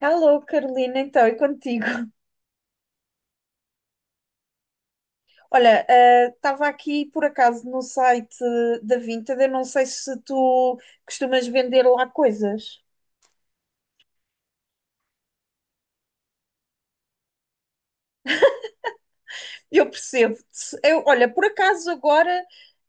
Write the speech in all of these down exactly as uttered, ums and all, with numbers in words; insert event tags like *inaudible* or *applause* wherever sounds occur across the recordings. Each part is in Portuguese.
Alô, Carolina, então, e contigo? *laughs* Olha, estava aqui por acaso no site da Vinted, eu não sei se tu costumas vender lá coisas. Eu percebo-te. Eu, olha, por acaso agora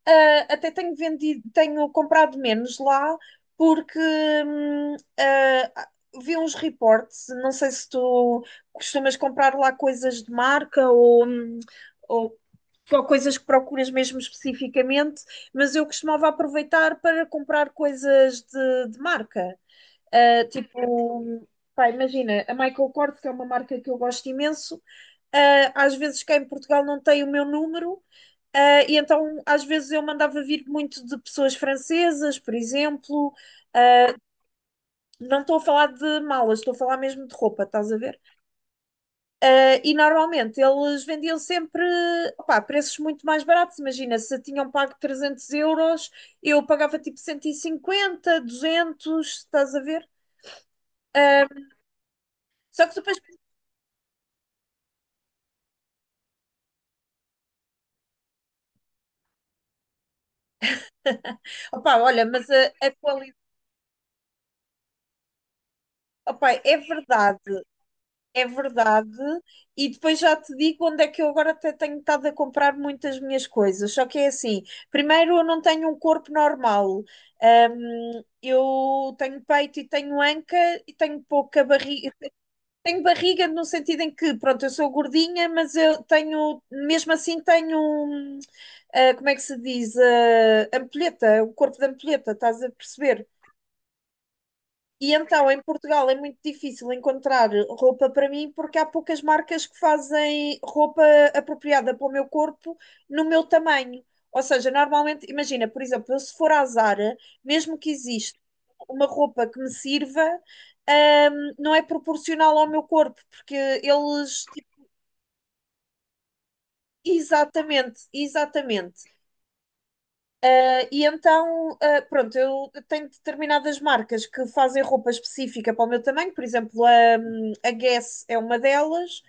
ah, até tenho vendido, tenho comprado menos lá porque hum, ah, vi uns reportes. Não sei se tu costumas comprar lá coisas de marca ou, hum, ou só coisas que procuras mesmo especificamente, mas eu costumava aproveitar para comprar coisas de, de marca. Ah, tipo, pá, imagina, a Michael Kors, que é uma marca que eu gosto imenso. Ah, às vezes cá em Portugal não tem o meu número, ah, e então às vezes eu mandava vir muito de pessoas francesas, por exemplo. Não estou a falar de malas, estou a falar mesmo de roupa, estás a ver? Ah, E normalmente eles vendiam sempre, opá, preços muito mais baratos. Imagina, se tinham pago trezentos euros, eu pagava tipo cento e cinquenta, duzentos, estás a ver? Ah, Só que depois, *laughs* opá, olha, mas a, a qualidade, opá, é verdade, é verdade. E depois já te digo onde é que eu agora até tenho estado a comprar muitas minhas coisas. Só que é assim, primeiro eu não tenho um corpo normal. Hum, eu tenho peito e tenho anca e tenho pouca barriga. Tenho barriga no sentido em que, pronto, eu sou gordinha, mas eu tenho, mesmo assim, tenho, hum, ah, como é que se diz? Ah, ampulheta, o corpo da ampulheta, estás a perceber? E então, em Portugal é muito difícil encontrar roupa para mim porque há poucas marcas que fazem roupa apropriada para o meu corpo no meu tamanho. Ou seja, normalmente, imagina, por exemplo, eu se for à Zara, mesmo que exista uma roupa que me sirva, ahm, não é proporcional ao meu corpo, porque eles, tipo, exatamente, exatamente. Uh, e então, uh, pronto, eu tenho determinadas marcas que fazem roupa específica para o meu tamanho, por exemplo, a, a Guess é uma delas.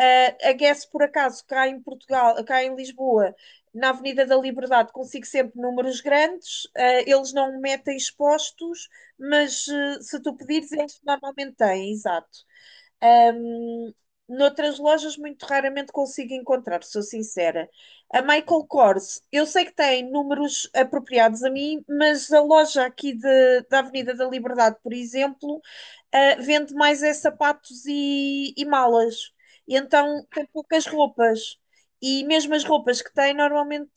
Uh, a Guess, por acaso, cá em Portugal, cá em Lisboa, na Avenida da Liberdade, consigo sempre números grandes. Uh, eles não metem expostos, mas uh, se tu pedires, eles normalmente têm, exato. Ahm, Noutras lojas muito raramente consigo encontrar, sou sincera. A Michael Kors, eu sei que tem números apropriados a mim, mas a loja aqui de- da Avenida da Liberdade, por exemplo, ah, vende mais é sapatos e, e malas. E então tem poucas roupas. E mesmo as roupas que tem, normalmente,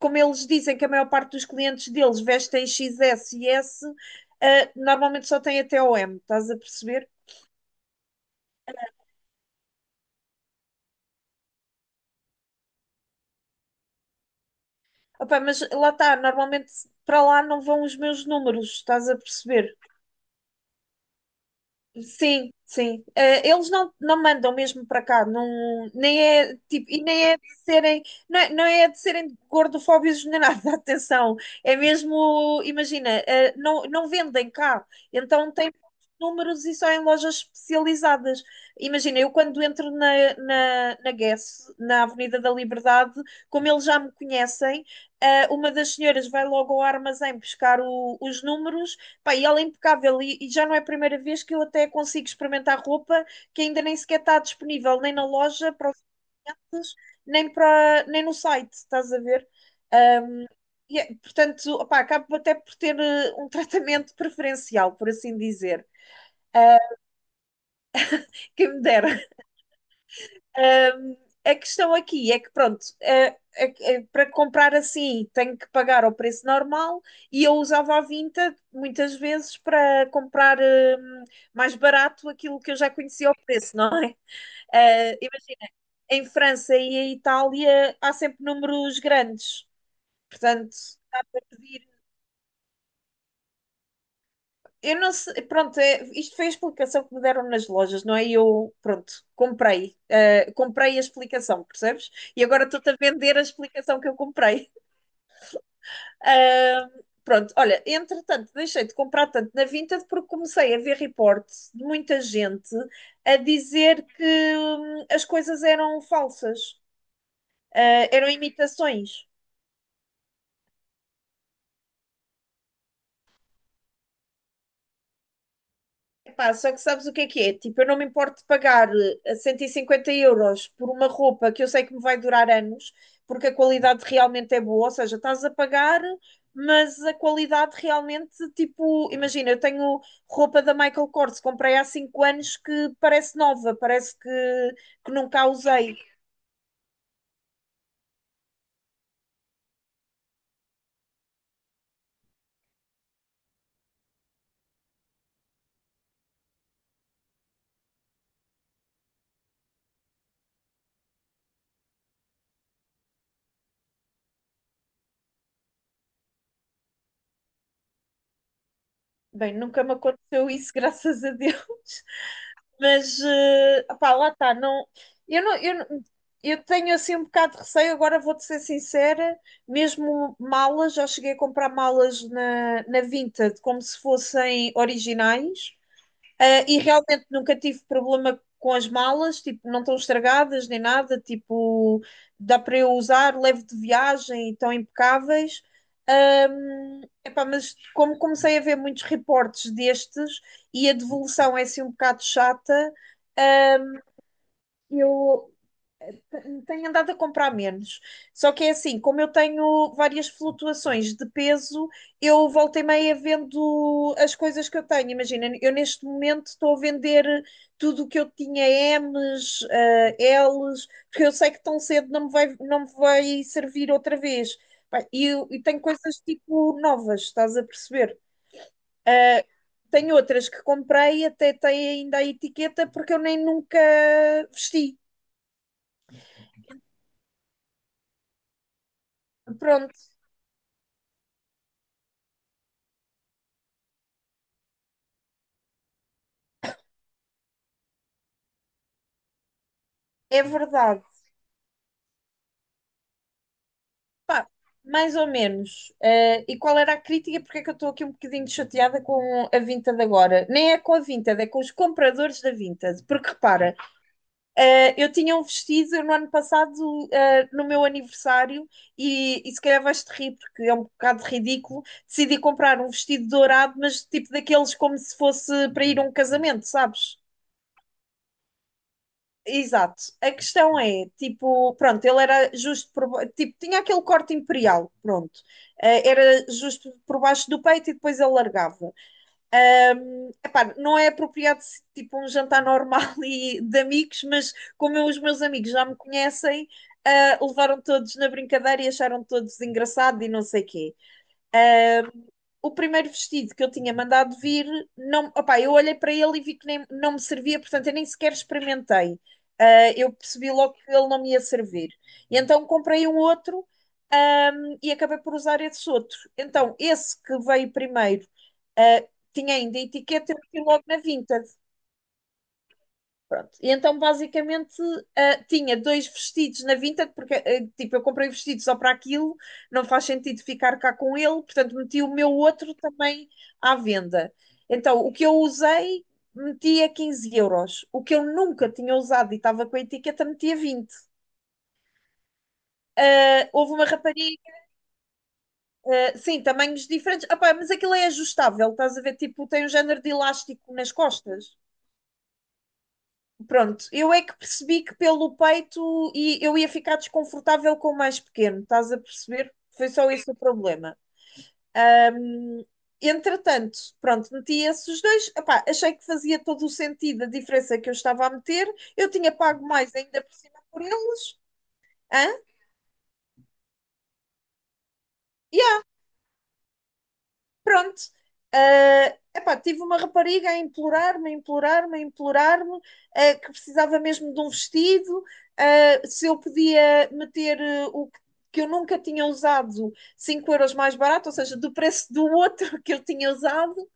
como eles dizem que a maior parte dos clientes deles vestem X S e S, ah, normalmente só tem até o M, estás a perceber? Opa, mas lá está, normalmente para lá não vão os meus números, estás a perceber? Sim, sim. Eh, eles não, não mandam mesmo para cá. Não, nem é tipo, e nem é de serem, não é, não é de serem gordofóbicos nem nada, *laughs* atenção. É mesmo, imagina, eh, não, não vendem cá, então tem poucos números e só em lojas especializadas. Imagina, eu quando entro na, na, na Guess, na Avenida da Liberdade, como eles já me conhecem, eh, uma das senhoras vai logo ao armazém buscar o- os números. Pá, e ela é impecável e, e já não é a primeira vez que eu até consigo experimentar roupa que ainda nem sequer está disponível, nem na loja para ofertas, nem, para, nem no site, estás a ver? Um, e é- portanto, opá, acabo até por ter eh, um tratamento preferencial, por assim dizer. Quem me dera. Um, a questão aqui é que, pronto, eh, eh, eh, para comprar assim tenho que pagar ao preço normal e eu usava a Vinted muitas vezes para comprar hum, mais barato aquilo que eu já conhecia o preço, não é? Eh, e mas em França e em Itália há sempre números grandes, portanto, dá para pedir. Eu não sei, pronto, é- isto foi a explicação que me deram nas lojas, não é? E eu, pronto, comprei, eh, comprei a explicação, percebes? E agora estou-te a vender a explicação que eu comprei. Ah, Pronto, olha, entretanto, deixei de comprar tanto na Vinted porque comecei a ver reportes de muita gente a dizer que hum, as coisas eram falsas, ah, eram imitações. Epá, só que sabes o que é que é? Tipo, eu não me importo de pagar eh, cento e cinquenta euros por uma roupa que eu sei que me vai durar anos, porque a qualidade realmente é boa, ou seja, estás a pagar, mas a qualidade realmente, tipo, imagina, eu tenho roupa da Michael Kors, comprei há cinco anos, que parece nova, parece que, que nunca a usei. Bem, nunca me aconteceu isso, *laughs* graças a Deus. Mas, eh, pá, lá está. Não, eu, não, eu, não- eu tenho assim um bocado de receio. Agora vou-te ser sincera: mesmo malas, já cheguei a comprar malas na, na Vinted como se fossem originais. Ah, E realmente nunca tive problema com as malas, tipo, não estão estragadas nem nada, tipo, dá para eu usar, levo de viagem e estão impecáveis. Ahm, epá, mas como comecei a ver muitos reportes destes e a devolução é assim um bocado chata, eu tenho andado a comprar menos. Só que é assim, como eu tenho várias flutuações de peso, eu voltei e meia vendo as coisas que eu tenho. Imagina, eu neste momento estou a vender tudo o que eu tinha, M's, ah, L's, porque eu sei que tão cedo não me vai, não me vai servir outra vez. Pá, E eu- e tenho coisas tipo novas, estás a perceber? Ah, Tenho outras que comprei, até tem ainda a etiqueta, porque eu nem nunca vesti. Pronto, é verdade. Pá, mais ou menos. Eh, e qual era a crítica? Porque é que eu estou aqui um bocadinho chateada com a Vinted agora? Nem é com a Vinted, é com os compradores da Vinted. Porque repara, eh, eu tinha um vestido no ano passado, eh, no meu aniversário, e, e se calhar vais-te rir, porque é um bocado ridículo. Decidi comprar um vestido dourado, mas tipo daqueles como se fosse para ir a um casamento, sabes? Exato. A questão é, tipo, pronto, ele era justo por, ba- tipo, tinha aquele corte imperial, pronto. Eh, era justo por baixo do peito e depois ele largava. Ahm, epá, não é apropriado tipo um jantar normal *laughs* e de amigos, mas como eu, os meus amigos já me conhecem, ah, levaram todos na brincadeira e acharam todos engraçado e não sei quê. O primeiro vestido que eu tinha mandado vir, não, opá, eu olhei para ele e vi que nem, não me servia, portanto eu nem sequer experimentei. Ah, eu percebi logo que ele não me ia servir. E então comprei um outro, ahm, e acabei por usar esse outro. Então, esse que veio primeiro, ah, tinha ainda a etiqueta, eu meti logo na Vinted. Pronto. E então, basicamente, ah, tinha dois vestidos na Vinted, porque, ah, tipo, eu comprei vestido só para aquilo, não faz sentido ficar cá com ele, portanto, meti o meu outro também à venda. Então, o que eu usei, meti a quinze euros. O que eu nunca tinha usado e estava com a etiqueta, meti a vinte. Ah, houve uma rapariga, ah, sim, tamanhos diferentes. Ah, pá, mas aquilo é ajustável, estás a ver? Tipo, tem um género de elástico nas costas. Pronto, eu é que percebi que pelo peito e eu ia ficar desconfortável com o mais pequeno, estás a perceber? Foi só esse o problema. Ahm, Entretanto, pronto, meti esses dois. Epá, achei que fazia todo o sentido a diferença que eu estava a meter. Eu tinha pago mais ainda por cima por eles. Hã? Pronto. Ah, epá, tive uma rapariga a implorar-me, a implorar-me, a implorar-me, ah, que precisava mesmo de um vestido, ah, se eu podia meter eh, o que, que eu nunca tinha usado, cinco euros mais barato, ou seja, do preço do outro *laughs* que eu tinha usado.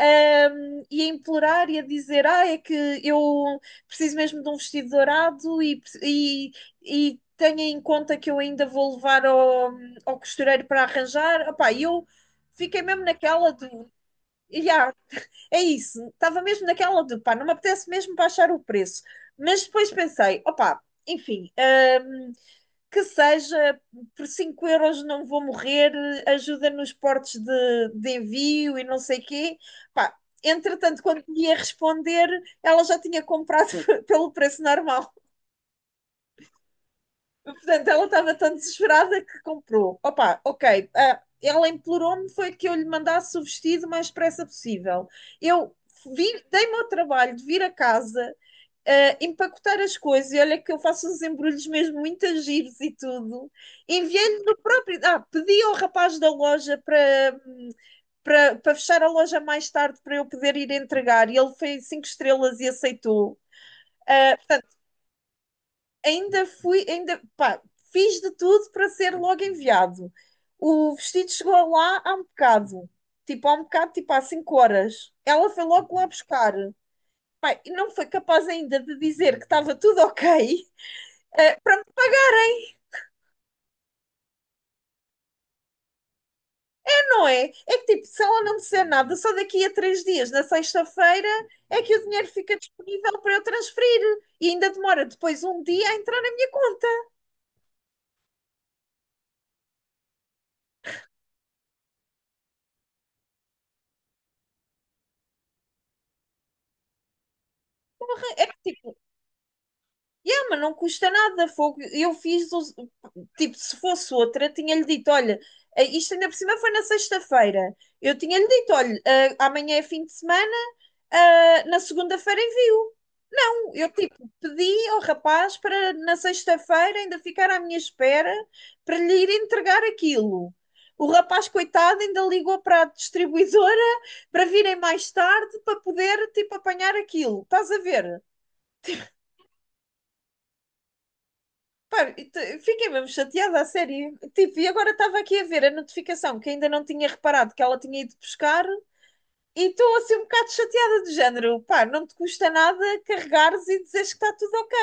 um, e a implorar e a dizer: Ah, é que eu preciso mesmo de um vestido dourado e, e, e tenha em conta que eu ainda vou levar ao, ao costureiro para arranjar. Opá, eu fiquei mesmo naquela do. Yeah, é isso, estava mesmo naquela do, pá, não me apetece mesmo baixar o preço. Mas depois pensei, opá, enfim, hum, que seja, por cinco euros não vou morrer, ajuda nos portos de, de envio e não sei quê. Pá, entretanto, quando ia responder, ela já tinha comprado *laughs* pelo preço normal. Portanto, ela estava tão desesperada que comprou. Opa, ok. Ah, ela implorou-me foi que eu lhe mandasse o vestido o mais depressa possível. Eu dei-me ao trabalho de vir a casa, eh, empacotar as coisas. E olha que eu faço os embrulhos mesmo muito a giros e tudo. Enviei no próprio. Ah, pedi ao rapaz da loja para, hum, para, para fechar a loja mais tarde para eu poder ir entregar. E ele fez cinco estrelas e aceitou. Ainda fui, ainda, pá, fiz de tudo para ser logo enviado. O vestido chegou lá há um bocado. Tipo, há um bocado, tipo, há cinco horas. Ela foi logo lá buscar. Pá, e não foi capaz ainda de dizer que estava tudo ok. Eh, para Não é? É que tipo, se ela não me disser nada, só daqui a três dias, na sexta-feira, é que o dinheiro fica disponível para eu transferir. E ainda demora depois um dia a entrar na minha conta. É que tipo, yeah, mas não custa nada, fogo. Eu fiz, os- tipo, se fosse outra, tinha-lhe dito, olha, eh, isto ainda por cima foi na sexta-feira. Eu tinha-lhe dito, olha, eh, amanhã é fim de semana, eh, na segunda-feira envio. Eu, tipo, pedi ao rapaz para na sexta-feira ainda ficar à minha espera para lhe ir entregar aquilo. O rapaz, coitado, ainda ligou para a distribuidora para virem mais tarde para poder, tipo, apanhar aquilo. Estás a ver? Pá, e te- fiquei mesmo chateada, a sério. Tipo, e agora estava aqui a ver a notificação que ainda não tinha reparado que ela tinha ido buscar e estou assim um bocado chateada do género. Pá, não te custa nada carregares e dizeres que está tudo ok.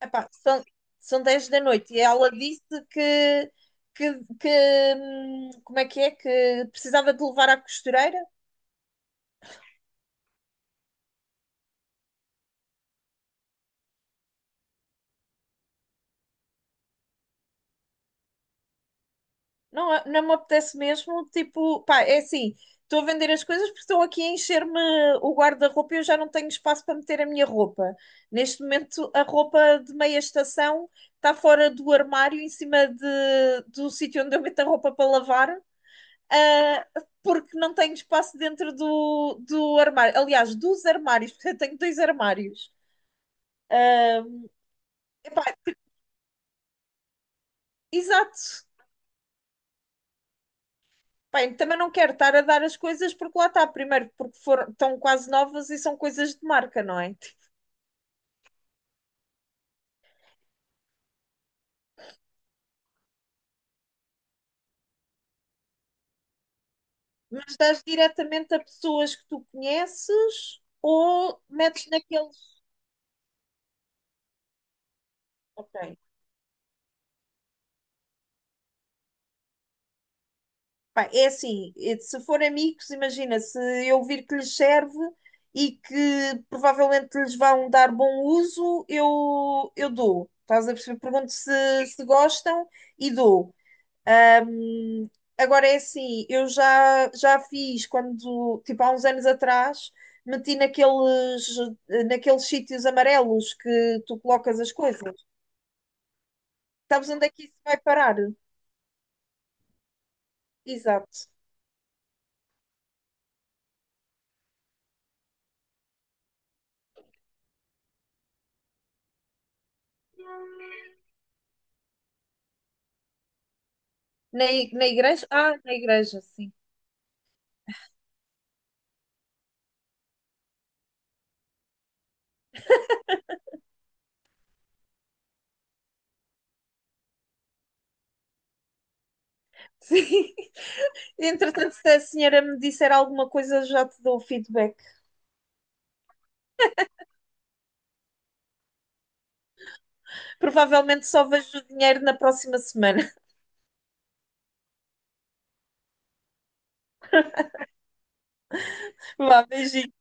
Epá, são, são dez da noite e ela disse que, que, que, hum, como é que é? Que precisava de levar à costureira. Não, não me apetece mesmo. Tipo, pá, é assim, estou a vender as coisas porque estão aqui a encher-me o guarda-roupa e eu já não tenho espaço para meter a minha roupa. Neste momento, a roupa de meia estação está fora do armário, em cima de, do sítio onde eu meto a roupa para lavar. ah, Porque não tenho espaço dentro do, do armário. Aliás, dos armários, *laughs* porque eu tenho dois armários. Ah, Epá, exato. Bem, também não quero estar a dar as coisas porque lá está, primeiro, porque foram, estão quase novas e são coisas de marca, não é? Mas dás diretamente a pessoas que tu conheces ou metes naqueles. Ok. Pá, é assim, eh, se for amigos, imagina, se eu vir que lhes serve e que provavelmente lhes vão dar bom uso, eu, eu dou. Estás a perceber? Pergunto se, se gostam e dou. Ahm, Agora é assim, eu já, já fiz quando, tipo, há uns anos atrás, meti naqueles, eh, naqueles sítios amarelos que tu colocas as coisas. Sabes onde é que isso vai parar? Exato. Na, i- na igreja? Ah, na igreja, sim. *laughs* Sim. Entretanto, se a senhora me disser alguma coisa, já te dou o feedback. Provavelmente só vejo o dinheiro na próxima semana. *laughs* Vá, beijinho.